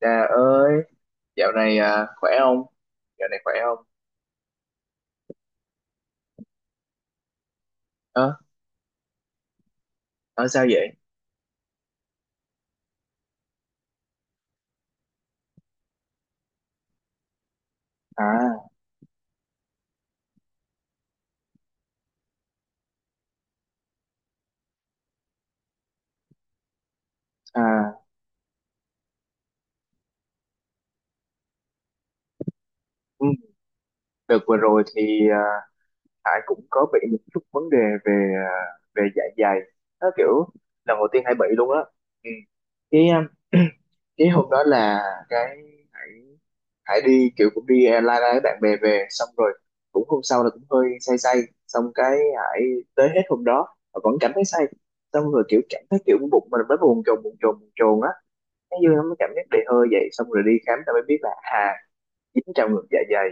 Trà ơi, dạo này khỏe không? Dạo này khỏe không? Ờ, nói sao vậy? À, à, ừ, đợt vừa rồi thì Hải cũng có bị một chút vấn đề về à, về dạ dày. Nó kiểu lần đầu tiên Hải bị luôn á. Ừ. Cái à, cái hôm đó là cái Hải Hải đi kiểu cũng đi lai lai với bạn bè về, xong rồi cũng hôm sau là cũng hơi say say, xong cái Hải tới hết hôm đó mà vẫn cảm thấy say, xong rồi kiểu cảm thấy kiểu bụng mình mới buồn chồn buồn chồn buồn chồn á, cái dương nó mới cảm giác đầy hơi vậy, xong rồi đi khám ta mới biết là dính trong ngực dạ dày,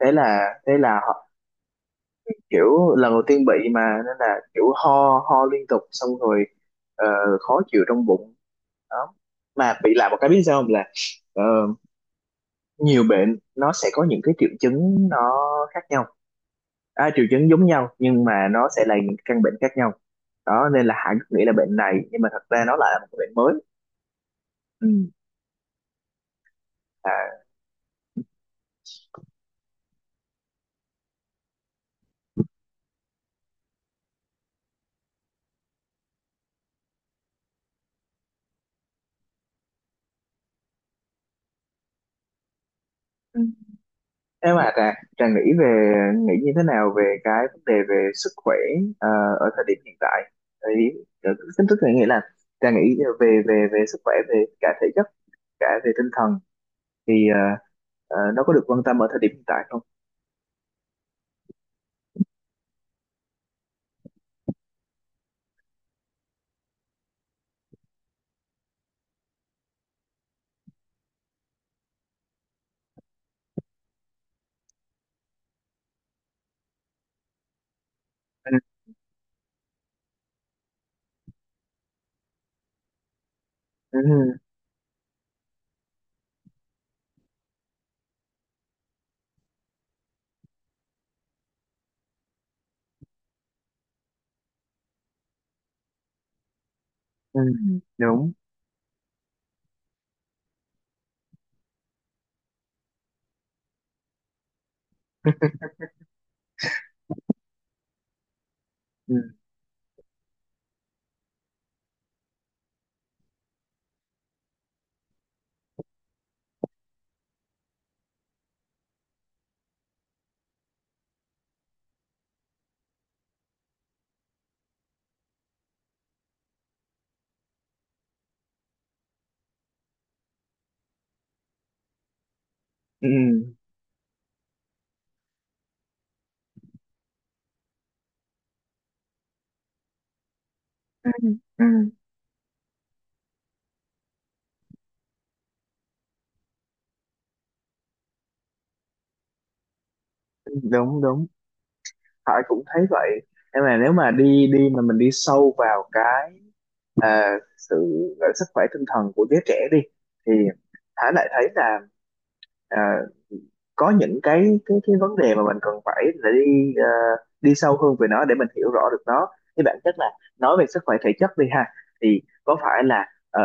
thế là họ kiểu lần đầu tiên bị mà, nên là kiểu ho ho liên tục, xong rồi ờ, khó chịu trong bụng đó, mà bị lại một cái biết sao không là ờ, nhiều bệnh nó sẽ có những cái triệu chứng nó khác nhau, triệu chứng giống nhau nhưng mà nó sẽ là những căn bệnh khác nhau đó, nên là Hải cứ nghĩ là bệnh này nhưng mà thật ra nó lại là một cái bệnh mới. Ừ. À, ừ. Em à Trà, Trà nghĩ như thế nào về cái vấn đề về sức khỏe ờ, ở thời điểm hiện tại? Thì ờ, chính thức là nghĩa là Trà nghĩ về về về sức khỏe, về cả thể chất cả về tinh thần thì nó có được quan tâm ở thời điểm hiện tại không? Ừ, ừ, ừ. Ừ, đúng, ừ, ừ. Ừ. Ừ. Đúng đúng. Hải cũng thấy vậy. Em là nếu mà đi đi mà mình đi sâu vào cái sự sức khỏe tinh thần của đứa trẻ đi, thì Thái lại thấy là à, có những cái vấn đề mà mình cần phải để đi sâu hơn về nó để mình hiểu rõ được nó. Thì bản chất là, nói về sức khỏe thể chất đi ha, thì có phải là ờ,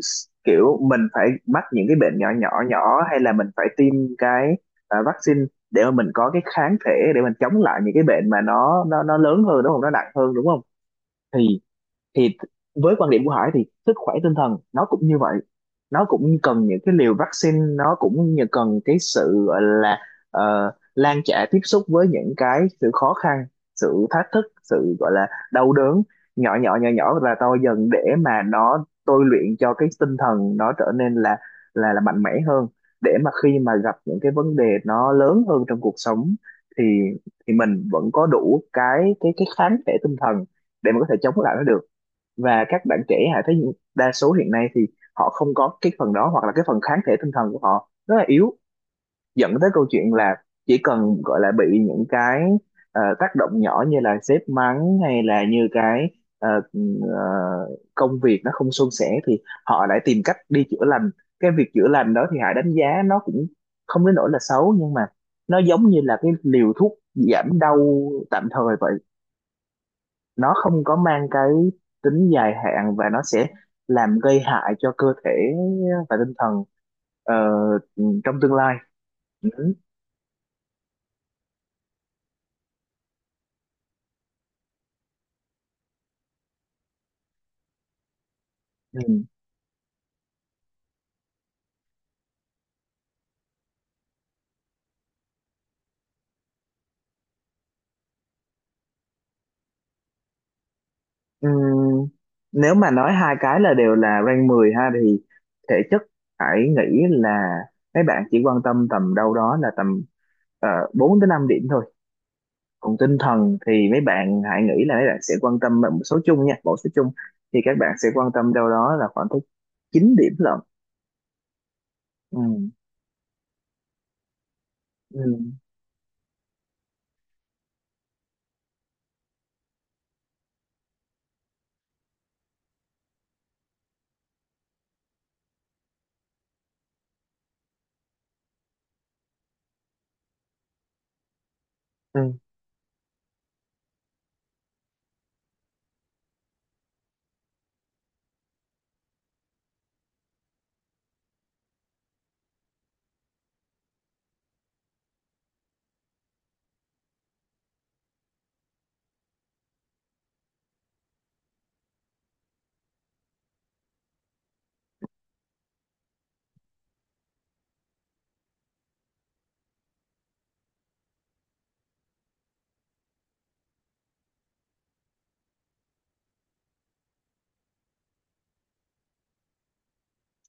kiểu mình phải mắc những cái bệnh nhỏ nhỏ nhỏ hay là mình phải tiêm cái vaccine để mà mình có cái kháng thể để mình chống lại những cái bệnh mà nó lớn hơn đúng không, nó nặng hơn đúng không. Thì thì với quan điểm của Hải thì sức khỏe tinh thần nó cũng như vậy, nó cũng cần những cái liều vaccine, nó cũng như cần cái sự gọi là lan trả tiếp xúc với những cái sự khó khăn, sự thách thức, sự gọi là đau đớn nhỏ nhỏ nhỏ nhỏ và to dần để mà nó tôi luyện cho cái tinh thần nó trở nên là là mạnh mẽ hơn, để mà khi mà gặp những cái vấn đề nó lớn hơn trong cuộc sống thì thì mình vẫn có đủ cái cái kháng thể tinh thần để mà có thể chống lại nó được. Và các bạn trẻ hãy thấy, đa số hiện nay thì họ không có cái phần đó, hoặc là cái phần kháng thể tinh thần của họ rất là yếu, dẫn tới câu chuyện là chỉ cần gọi là bị những cái tác động nhỏ như là sếp mắng hay là như cái ờ, ờ, công việc nó không suôn sẻ thì họ lại tìm cách đi chữa lành. Cái việc chữa lành đó thì Hải đánh giá nó cũng không đến nỗi là xấu, nhưng mà nó giống như là cái liều thuốc giảm đau tạm thời vậy, nó không có mang cái tính dài hạn và nó sẽ làm gây hại cho cơ thể và tinh thần ờ, trong tương lai. Ừ. Ừ. Ừ. Nếu mà nói hai cái là đều là rank 10 ha, thì thể chất hãy nghĩ là mấy bạn chỉ quan tâm tầm đâu đó là tầm 4 tới 5 điểm thôi, còn tinh thần thì mấy bạn hãy nghĩ là mấy bạn sẽ quan tâm một số chung nha, một số chung thì các bạn sẽ quan tâm đâu đó là khoảng tới 9 điểm lận. Ừ. Ừ. Ừ.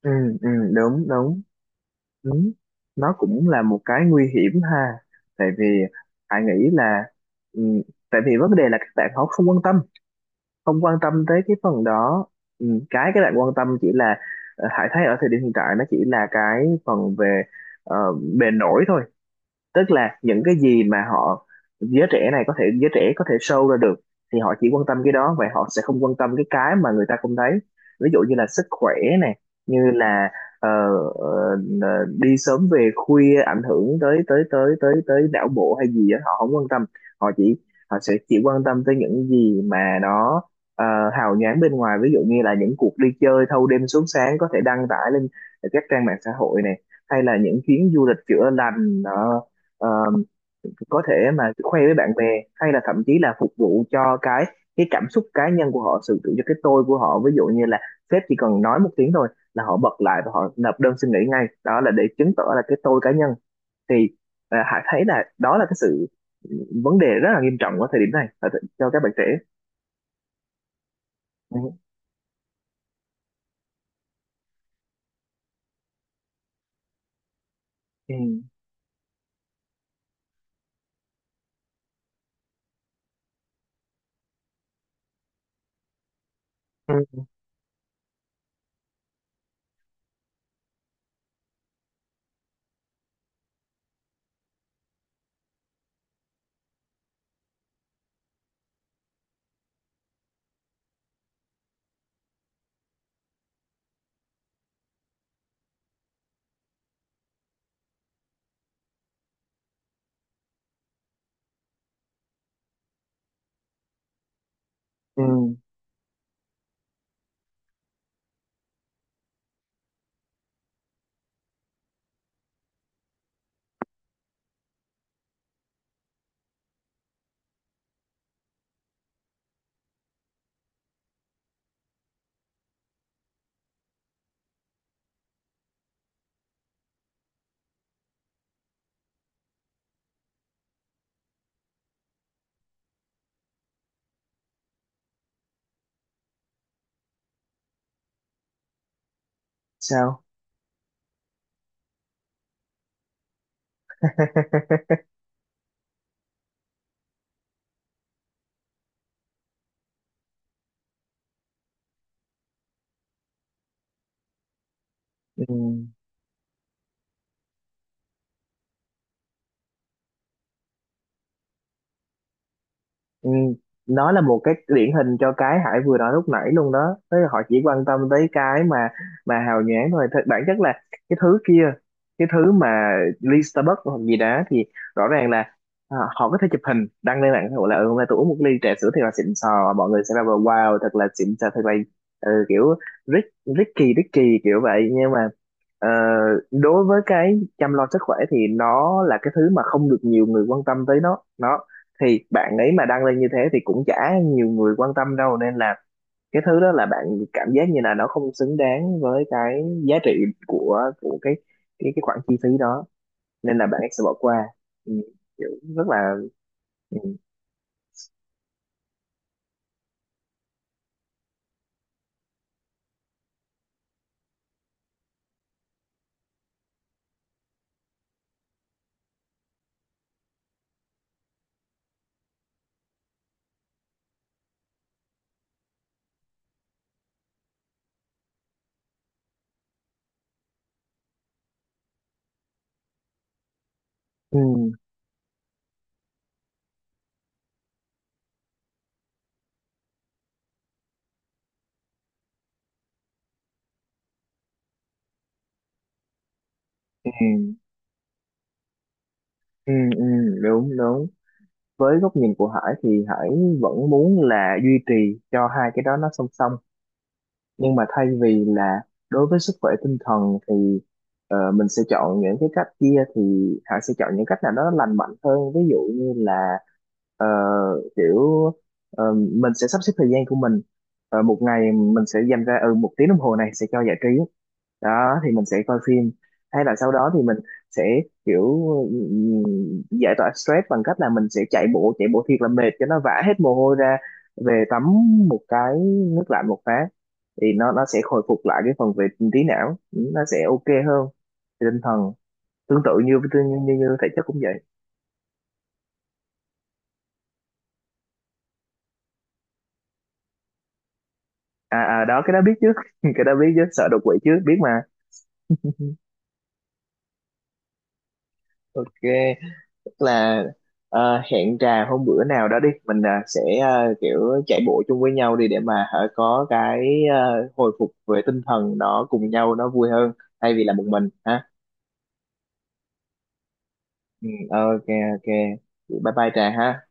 Ừ, ừ, đúng đúng đúng, nó cũng là một cái nguy hiểm ha. Tại vì Hải nghĩ là ừ, tại vì vấn đề là các bạn họ không quan tâm, không quan tâm tới cái phần đó. Cái các bạn quan tâm chỉ là, Hải thấy ở thời điểm hiện tại nó chỉ là cái phần về ờ, bề nổi thôi, tức là những cái gì mà họ, giới trẻ này có thể, giới trẻ có thể show ra được thì họ chỉ quan tâm cái đó, và họ sẽ không quan tâm cái mà người ta không thấy, ví dụ như là sức khỏe này, như là ờ, đi sớm về khuya ảnh hưởng tới tới tới tới tới não bộ hay gì đó họ không quan tâm. Họ chỉ, họ sẽ chỉ quan tâm tới những gì mà nó ờ, hào nhoáng bên ngoài, ví dụ như là những cuộc đi chơi thâu đêm suốt sáng có thể đăng tải lên các trang mạng xã hội này, hay là những chuyến du lịch chữa lành, Ờ, có thể mà khoe với bạn bè, hay là thậm chí là phục vụ cho cái cảm xúc cá nhân của họ, sự tự cho cái tôi của họ, ví dụ như là sếp chỉ cần nói một tiếng thôi là họ bật lại và họ nộp đơn xin nghỉ ngay, đó là để chứng tỏ là cái tôi cá nhân. Thì Hải thấy là đó là cái sự, ừ, vấn đề rất là nghiêm trọng ở thời điểm này, cho các bạn trẻ. Ừ. Ừ. Ừ. Ừ. Sao ừ. Ừ, nó là một cái điển hình cho cái Hải vừa nói lúc nãy luôn đó, tức là họ chỉ quan tâm tới cái mà hào nhoáng thôi. Bản chất là cái thứ kia, cái thứ mà ly Starbucks hoặc gì đó thì rõ ràng là họ có thể chụp hình đăng lên mạng xã hội là, ừ, hôm nay tôi uống một ly trà sữa thiệt là xịn sò, mọi người sẽ bảo là, wow thật là xịn sò thật là, ừ, kiểu rich, Ricky Ricky kiểu vậy. Nhưng mà ờ, đối với cái chăm lo sức khỏe thì nó là cái thứ mà không được nhiều người quan tâm tới, nó thì bạn ấy mà đăng lên như thế thì cũng chả nhiều người quan tâm đâu, nên là cái thứ đó là bạn cảm giác như là nó không xứng đáng với cái giá trị của cái cái khoản chi phí đó, nên là bạn ấy sẽ bỏ qua. Ừ, kiểu rất là, ừ, ừ, ừ, ừ, ừ, đúng đúng. Với góc nhìn của Hải thì Hải vẫn muốn là duy trì cho hai cái đó nó song song, nhưng mà thay vì là đối với sức khỏe tinh thần thì mình sẽ chọn những cái cách kia thì Hải sẽ chọn những cách nào đó lành mạnh hơn, ví dụ như là ờ, kiểu mình sẽ sắp xếp thời gian của mình. Ờ, một ngày mình sẽ dành ra ừ, một tiếng đồng hồ này sẽ cho giải trí, đó thì mình sẽ coi phim, hay là sau đó thì mình sẽ kiểu giải tỏa stress bằng cách là mình sẽ chạy bộ, chạy bộ thiệt là mệt cho nó vã hết mồ hôi ra, về tắm một cái nước lạnh một phát, thì nó sẽ hồi phục lại cái phần về trí não, nó sẽ ok hơn về tinh thần, tương tự như như thể chất cũng vậy. Đó, cái đó biết chứ, cái đó biết chứ, sợ đột quỵ chứ biết mà. Ok, tức là hẹn trà hôm bữa nào đó đi, mình sẽ kiểu chạy bộ chung với nhau đi, để mà hả, có cái hồi phục về tinh thần, nó cùng nhau nó vui hơn thay vì là một mình ha. Ừ, ok, ok, bye bye trà ha.